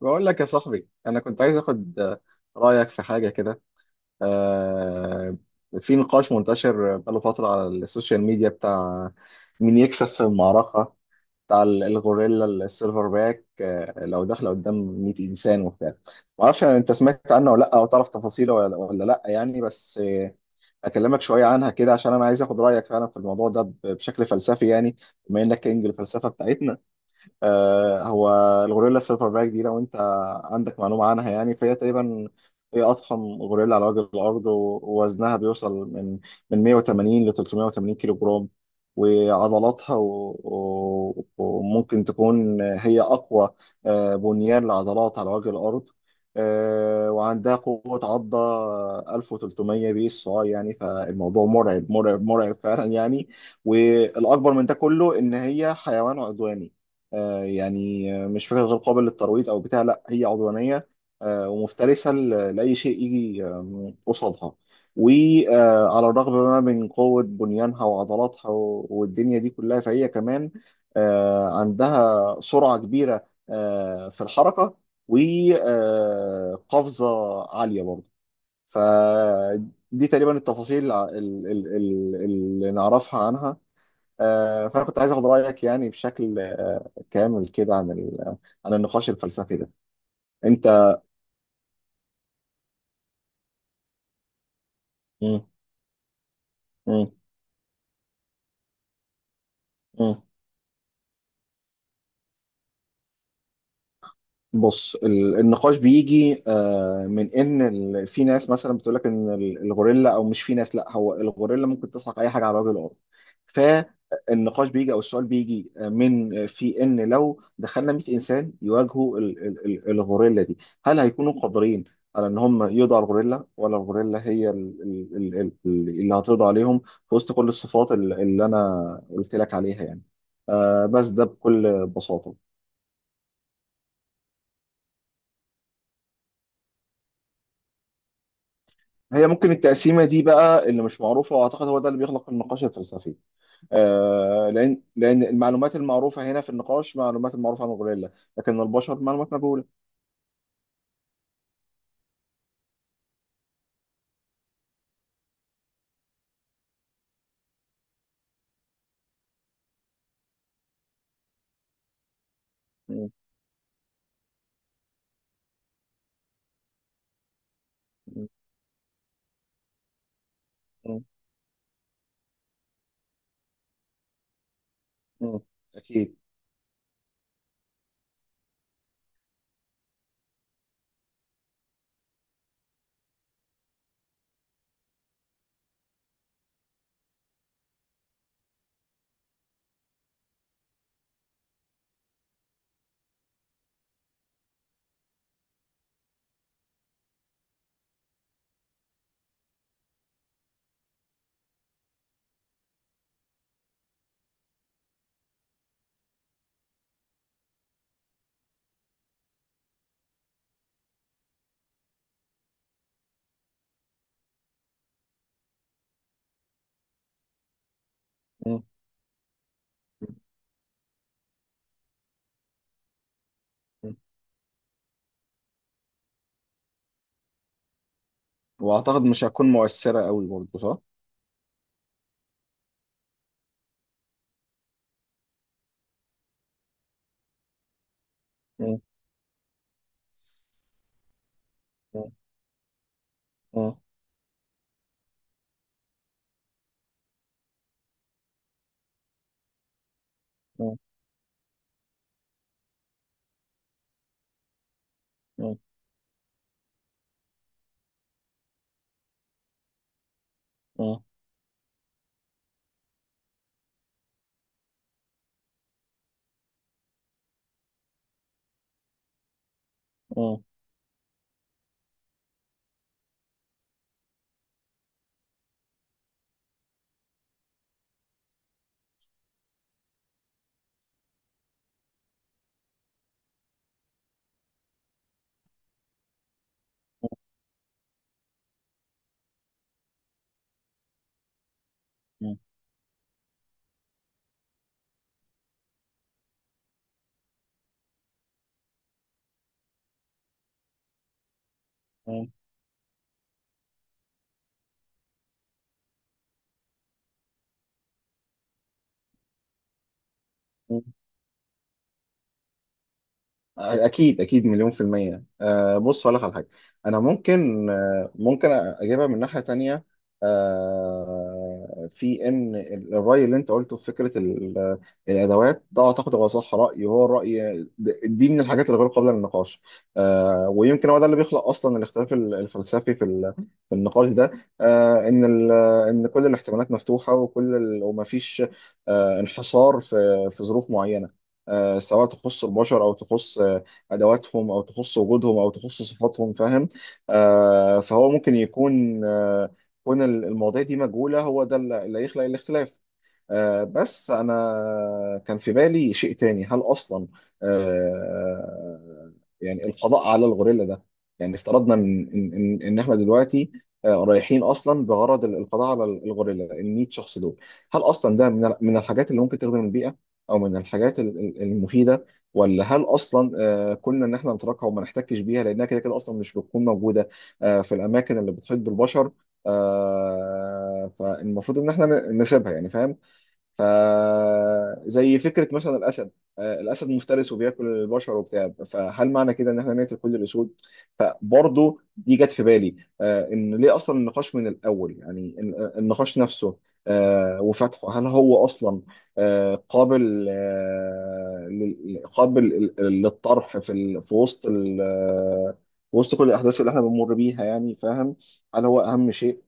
بقول لك يا صاحبي انا كنت عايز اخد رايك في حاجه كده. آه، في نقاش منتشر بقاله فتره على السوشيال ميديا بتاع مين يكسب في المعركه بتاع الغوريلا السيلفر باك، لو داخله قدام 100 انسان وبتاع. ما اعرفش انت سمعت عنه ولا لا، او تعرف تفاصيله ولا لا يعني، بس اكلمك شويه عنها كده عشان انا عايز اخد رايك فعلا في الموضوع ده بشكل فلسفي يعني، بما انك كينج الفلسفه بتاعتنا. هو الغوريلا السيلفر باك دي، لو انت عندك معلومة عنها يعني، فهي تقريبا هي أضخم غوريلا على وجه الأرض، ووزنها بيوصل من 180 ل 380 كيلو جرام، وعضلاتها وممكن تكون هي أقوى بنيان لعضلات على وجه الأرض. وعندها قوة عضة 1300 PSI، يعني فالموضوع مرعب مرعب مرعب فعلا يعني. والأكبر من ده كله إن هي حيوان عدواني، يعني مش فكرة غير قابل للترويض أو بتاع، لا هي عدوانية ومفترسة لأي شيء يجي قصادها. وعلى الرغم بقى من قوة بنيانها وعضلاتها والدنيا دي كلها، فهي كمان عندها سرعة كبيرة في الحركة، وقفزة عالية برضه. فدي تقريبا التفاصيل اللي نعرفها عنها. فانا كنت عايز اخد رايك يعني بشكل كامل كده عن عن النقاش الفلسفي ده. انت. مم. مم. مم. بص، النقاش بيجي من ان في ناس مثلا بتقول لك ان الغوريلا، او مش في ناس، لا هو الغوريلا ممكن تسحق اي حاجه على وجه الارض. فالنقاش بيجي او السؤال بيجي من في ان لو دخلنا 100 انسان يواجهوا الغوريلا دي، هل هيكونوا قادرين على ان هم يقضوا على الغوريلا، ولا الغوريلا هي اللي هتقضي عليهم في وسط كل الصفات اللي انا قلت لك عليها يعني. بس ده بكل بساطه. هي ممكن التقسيمة دي بقى اللي مش معروفة، وأعتقد هو ده اللي بيخلق النقاش الفلسفي. لأن المعلومات المعروفة هنا في النقاش، معلومات المعروفة عن الغوريلا، لكن البشر معلومات مجهولة. م-. م-. م-. م. أكيد. م-. م-. م. وأعتقد مش هتكون مؤثرة قوي برضه صح؟ م-. م-. م-. م-. م-. م-. م-. م-. م-. اكيد اكيد مليون في المية. أه بص، هقول لك على حاجة. انا ممكن أه ممكن اجيبها من ناحية تانية. أه، في ان الرأي اللي انت قلته في فكرة الادوات ده، اعتقد هو صح، رأي هو الرأي دي من الحاجات الغير قابلة للنقاش. أه، ويمكن هو ده اللي بيخلق اصلا الاختلاف الفلسفي في النقاش ده. أه، ان ان كل الاحتمالات مفتوحة، وكل ومفيش أه انحصار في ظروف معينة، سواء تخص البشر او تخص ادواتهم او تخص وجودهم او تخص صفاتهم، فاهم. فهو ممكن يكون كون المواضيع دي مجهوله، هو ده اللي يخلق الاختلاف. بس انا كان في بالي شيء تاني، هل اصلا آه يعني القضاء على الغوريلا ده، يعني افترضنا ان ان ان إن احنا دلوقتي رايحين اصلا بغرض القضاء على الغوريلا، ال 100 شخص دول هل اصلا ده من من الحاجات اللي ممكن تخدم البيئه، او من الحاجات المفيده، ولا هل اصلا كنا ان احنا نتركها وما نحتكش بيها، لانها كده كده اصلا مش بتكون موجوده في الاماكن اللي بتحيط بالبشر. فالمفروض ان احنا نسيبها يعني، فاهم؟ فزي فكره مثلا الاسد، الاسد مفترس وبياكل البشر وبتاع، فهل معنى كده ان احنا نقتل كل الاسود؟ فبرضه دي جت في بالي. ان ليه اصلا النقاش من الاول يعني، النقاش نفسه وفتحه، هل هو اصلا قابل للطرح في وسط وسط كل الاحداث اللي احنا بنمر بيها، يعني فاهم؟ هل هو اهم شيء؟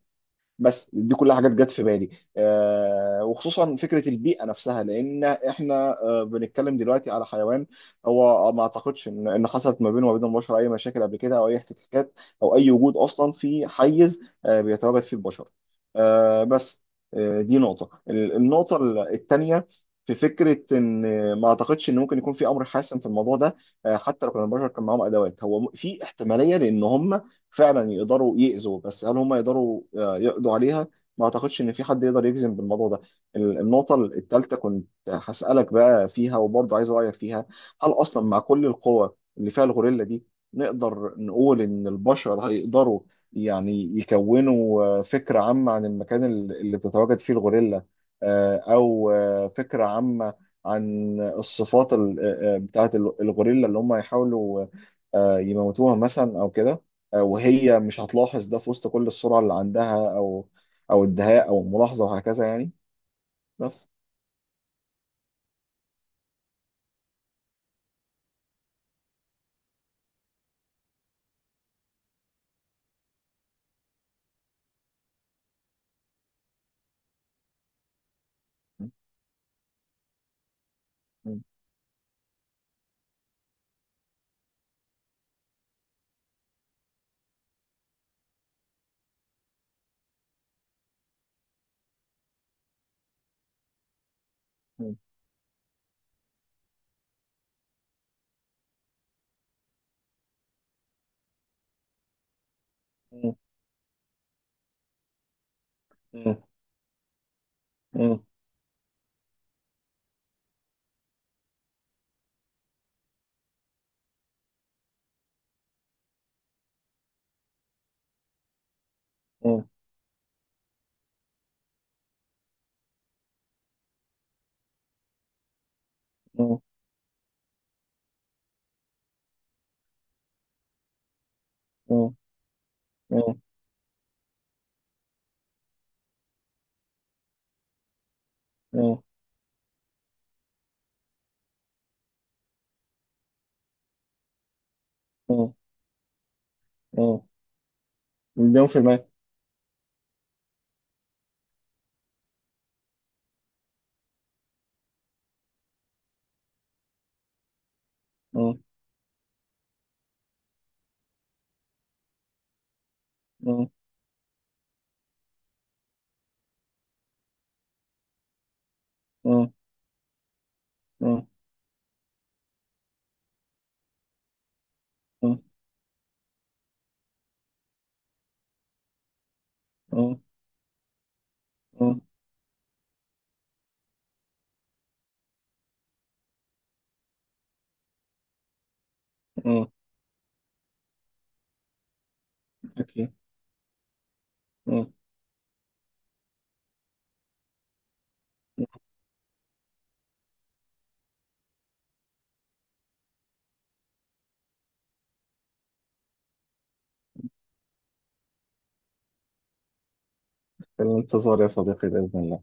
بس دي كلها حاجات جت في بالي. وخصوصا فكره البيئه نفسها، لان احنا بنتكلم دلوقتي على حيوان، هو ما اعتقدش ان حصلت ما بينه وما بين البشر اي مشاكل قبل كده، او اي احتكاكات، او اي وجود اصلا في حيز بيتواجد فيه البشر. بس، دي نقطه النقطه الثانيه. في فكره ان ما اعتقدش ان ممكن يكون في امر حاسم في الموضوع ده. حتى لو كان البشر كان معاهم ادوات، هو في احتماليه لان هم فعلا يقدروا يأذوا، بس هل هم يقدروا يقضوا عليها؟ ما اعتقدش ان في حد يقدر يجزم بالموضوع ده. النقطة الثالثة كنت هسألك بقى فيها، وبرضه عايز رأيك فيها. هل اصلا مع كل القوة اللي فيها الغوريلا دي، نقدر نقول ان البشر هيقدروا يعني يكونوا فكرة عامة عن المكان اللي بتتواجد فيه الغوريلا، او فكرة عامة عن الصفات بتاعت الغوريلا، اللي هم يحاولوا يموتوها مثلا او كده، وهي مش هتلاحظ ده في وسط كل السرعة اللي عندها، أو أو الدهاء أو الملاحظة وهكذا يعني. بس مليون في المية أكيد. في الانتظار يا صديقي بإذن الله.